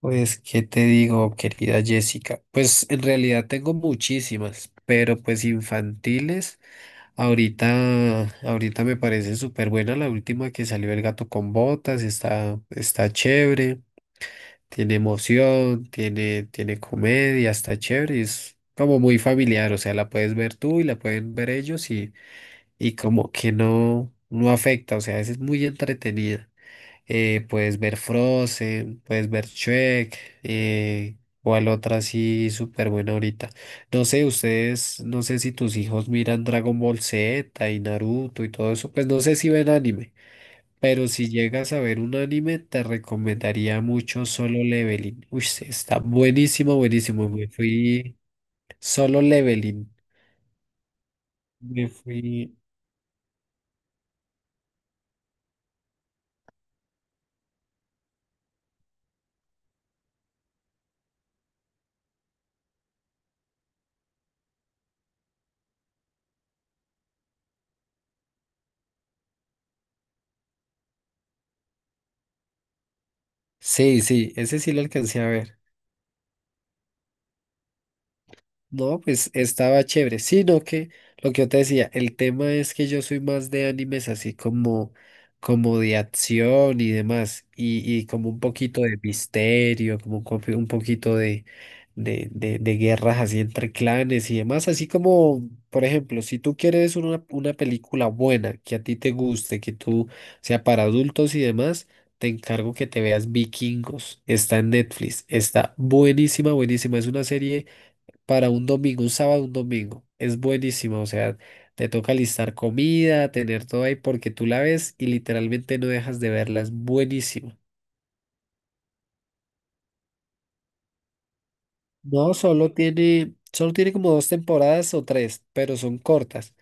Pues, ¿qué te digo, querida Jessica? Pues en realidad tengo muchísimas, pero pues infantiles. Ahorita me parece súper buena la última que salió El gato con botas, está chévere, tiene emoción, tiene comedia, está chévere, es como muy familiar, o sea, la puedes ver tú y la pueden ver ellos y, como que no, no afecta, o sea, es muy entretenida. Puedes ver Frozen, puedes ver Shrek, eh, cuál otra así súper buena ahorita. No sé, ustedes, no sé si tus hijos miran Dragon Ball Z y Naruto y todo eso, pues no sé si ven anime, pero si llegas a ver un anime, te recomendaría mucho Solo Leveling. Uy, sí, está buenísimo, buenísimo. Me fui Solo Leveling. Me fui. Sí, sí, ese sí lo alcancé a ver. No, pues estaba chévere, sino que lo que yo te decía, el tema es que yo soy más de animes así como, como de acción y demás, y, como un poquito de misterio, como un, un poquito de, de guerras así entre clanes y demás, así como, por ejemplo, si tú quieres una película buena, que a ti te guste, que tú sea para adultos y demás, te encargo que te veas Vikingos, está en Netflix, está buenísima, buenísima, es una serie para un domingo, un sábado, un domingo. Es buenísimo, o sea, te toca listar comida, tener todo ahí porque tú la ves y literalmente no dejas de verla, es buenísimo. No, solo tiene como dos temporadas o tres, pero son cortas.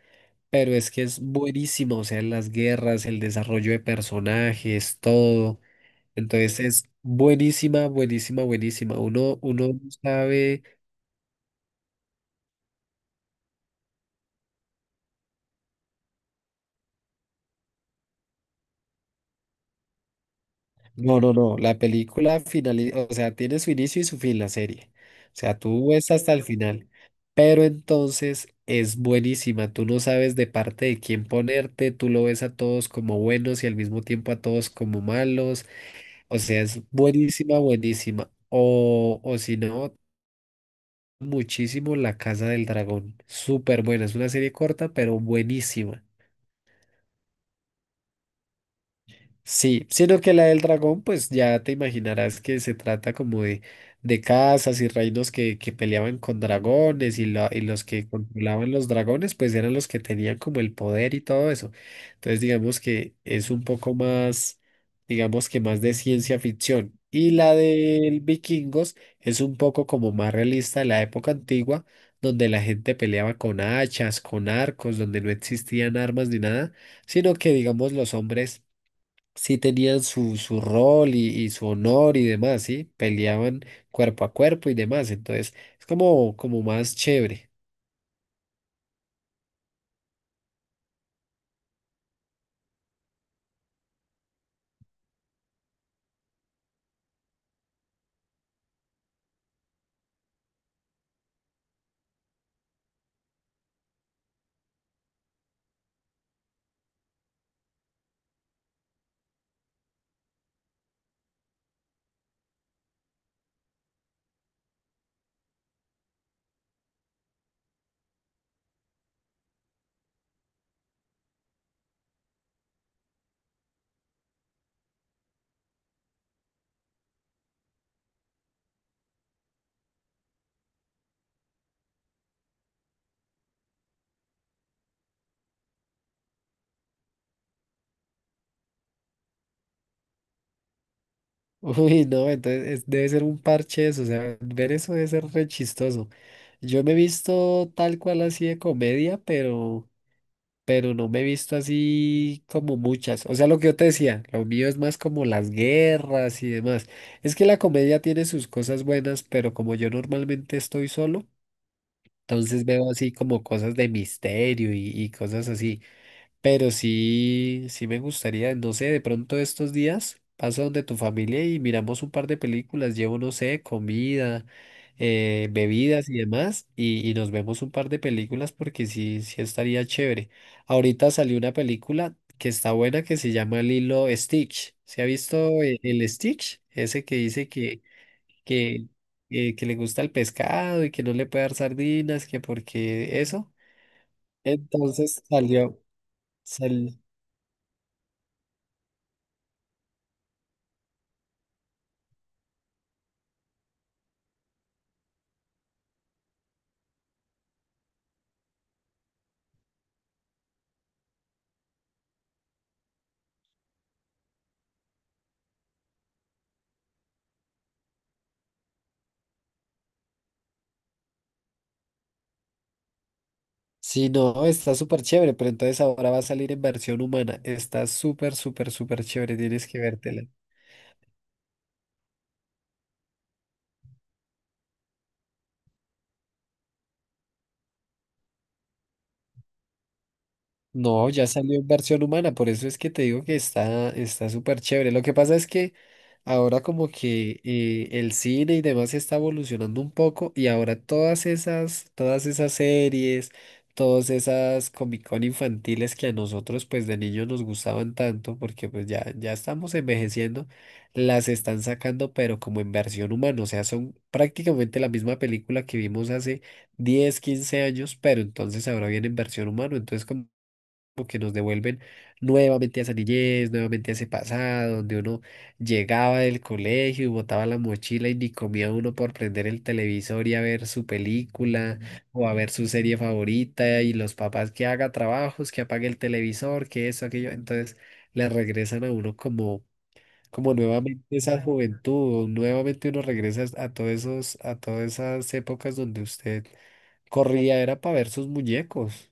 Pero es que es buenísimo, o sea, las guerras, el desarrollo de personajes, todo. Entonces es buenísima, buenísima, buenísima. Uno no sabe. No, no, no. La película finaliza, o sea, tiene su inicio y su fin la serie. O sea, tú ves hasta el final. Pero entonces es buenísima. Tú no sabes de parte de quién ponerte. Tú lo ves a todos como buenos y al mismo tiempo a todos como malos. O sea, es buenísima, buenísima. O si no, muchísimo La Casa del Dragón. Súper buena. Es una serie corta, pero buenísima. Sí, sino que la del dragón, pues ya te imaginarás que se trata como de casas y reinos que peleaban con dragones y, y los que controlaban los dragones, pues eran los que tenían como el poder y todo eso. Entonces, digamos que es un poco más, digamos que más de ciencia ficción. Y la del vikingos es un poco como más realista de la época antigua, donde la gente peleaba con hachas, con arcos, donde no existían armas ni nada, sino que, digamos, los hombres sí tenían su, su rol y, su honor y demás, ¿sí? Peleaban cuerpo a cuerpo y demás, entonces es como, como más chévere. Uy, no, entonces debe ser un parche eso, o sea, ver eso debe ser re chistoso. Yo me he visto tal cual así de comedia, pero no me he visto así como muchas. O sea, lo que yo te decía, lo mío es más como las guerras y demás. Es que la comedia tiene sus cosas buenas, pero como yo normalmente estoy solo, entonces veo así como cosas de misterio y, cosas así. Pero sí, sí me gustaría, no sé, de pronto estos días paso donde tu familia y miramos un par de películas. Llevo, no sé, comida, bebidas y demás. Y, nos vemos un par de películas porque sí, sí estaría chévere. Ahorita salió una película que está buena que se llama Lilo Stitch. ¿Se ha visto el Stitch? Ese que dice que, que le gusta el pescado y que no le puede dar sardinas, que porque eso. Entonces salió, sal- sí, no, está súper chévere, pero entonces ahora va a salir en versión humana. Está súper, súper, súper chévere. Tienes que vértela. No, ya salió en versión humana, por eso es que te digo que está está súper chévere. Lo que pasa es que ahora como que el cine y demás está evolucionando un poco y ahora todas esas series, todas esas Comic Con infantiles que a nosotros pues de niños nos gustaban tanto porque pues ya, ya estamos envejeciendo, las están sacando pero como en versión humana, o sea, son prácticamente la misma película que vimos hace 10, 15 años, pero entonces ahora viene en versión humana, entonces como como que nos devuelven nuevamente a esa niñez, nuevamente a ese pasado, donde uno llegaba del colegio y botaba la mochila y ni comía uno por prender el televisor y a ver su película o a ver su serie favorita y los papás que haga trabajos, que apague el televisor, que eso, aquello. Entonces le regresan a uno como, como nuevamente esa juventud, o nuevamente uno regresa a todos esos, a todas esas épocas donde usted corría, era para ver sus muñecos.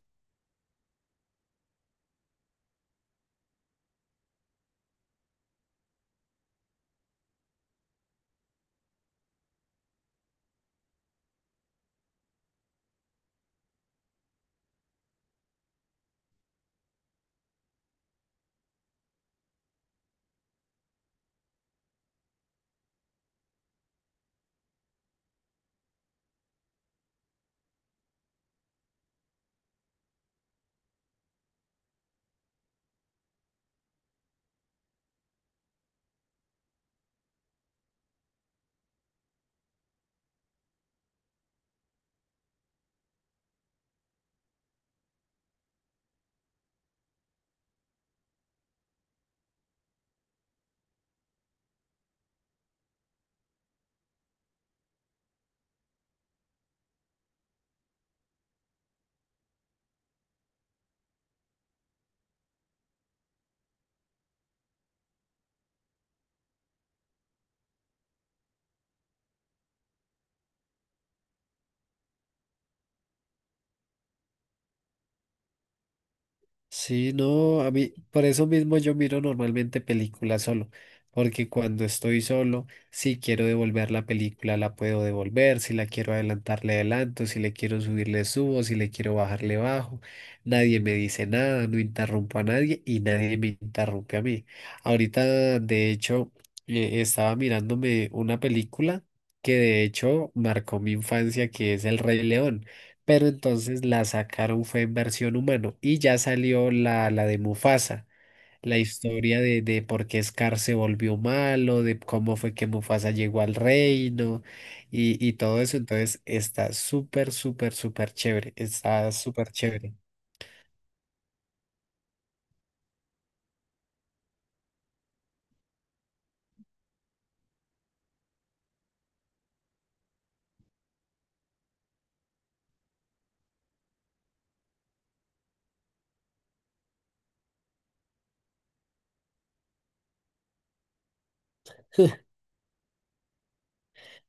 Sí, no, a mí, por eso mismo yo miro normalmente películas solo, porque cuando estoy solo, si quiero devolver la película, la puedo devolver, si la quiero adelantar, le adelanto, si le quiero subir, le subo, si le quiero bajar, le bajo, nadie me dice nada, no interrumpo a nadie y nadie me interrumpe a mí. Ahorita, de hecho, estaba mirándome una película que de hecho marcó mi infancia, que es El Rey León, pero entonces la sacaron fue en versión humano y ya salió la, la de Mufasa, la historia de por qué Scar se volvió malo, de cómo fue que Mufasa llegó al reino y, todo eso. Entonces está súper, súper, súper chévere, está súper chévere.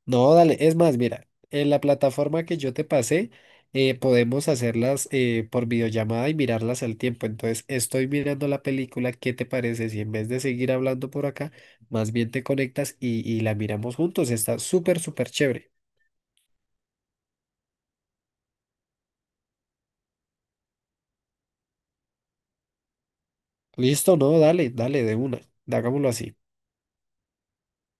No, dale, es más, mira, en la plataforma que yo te pasé, podemos hacerlas por videollamada y mirarlas al tiempo. Entonces, estoy mirando la película, ¿qué te parece si en vez de seguir hablando por acá, más bien te conectas y, la miramos juntos? Está súper, súper chévere. Listo, no, dale, dale, de una, hagámoslo así.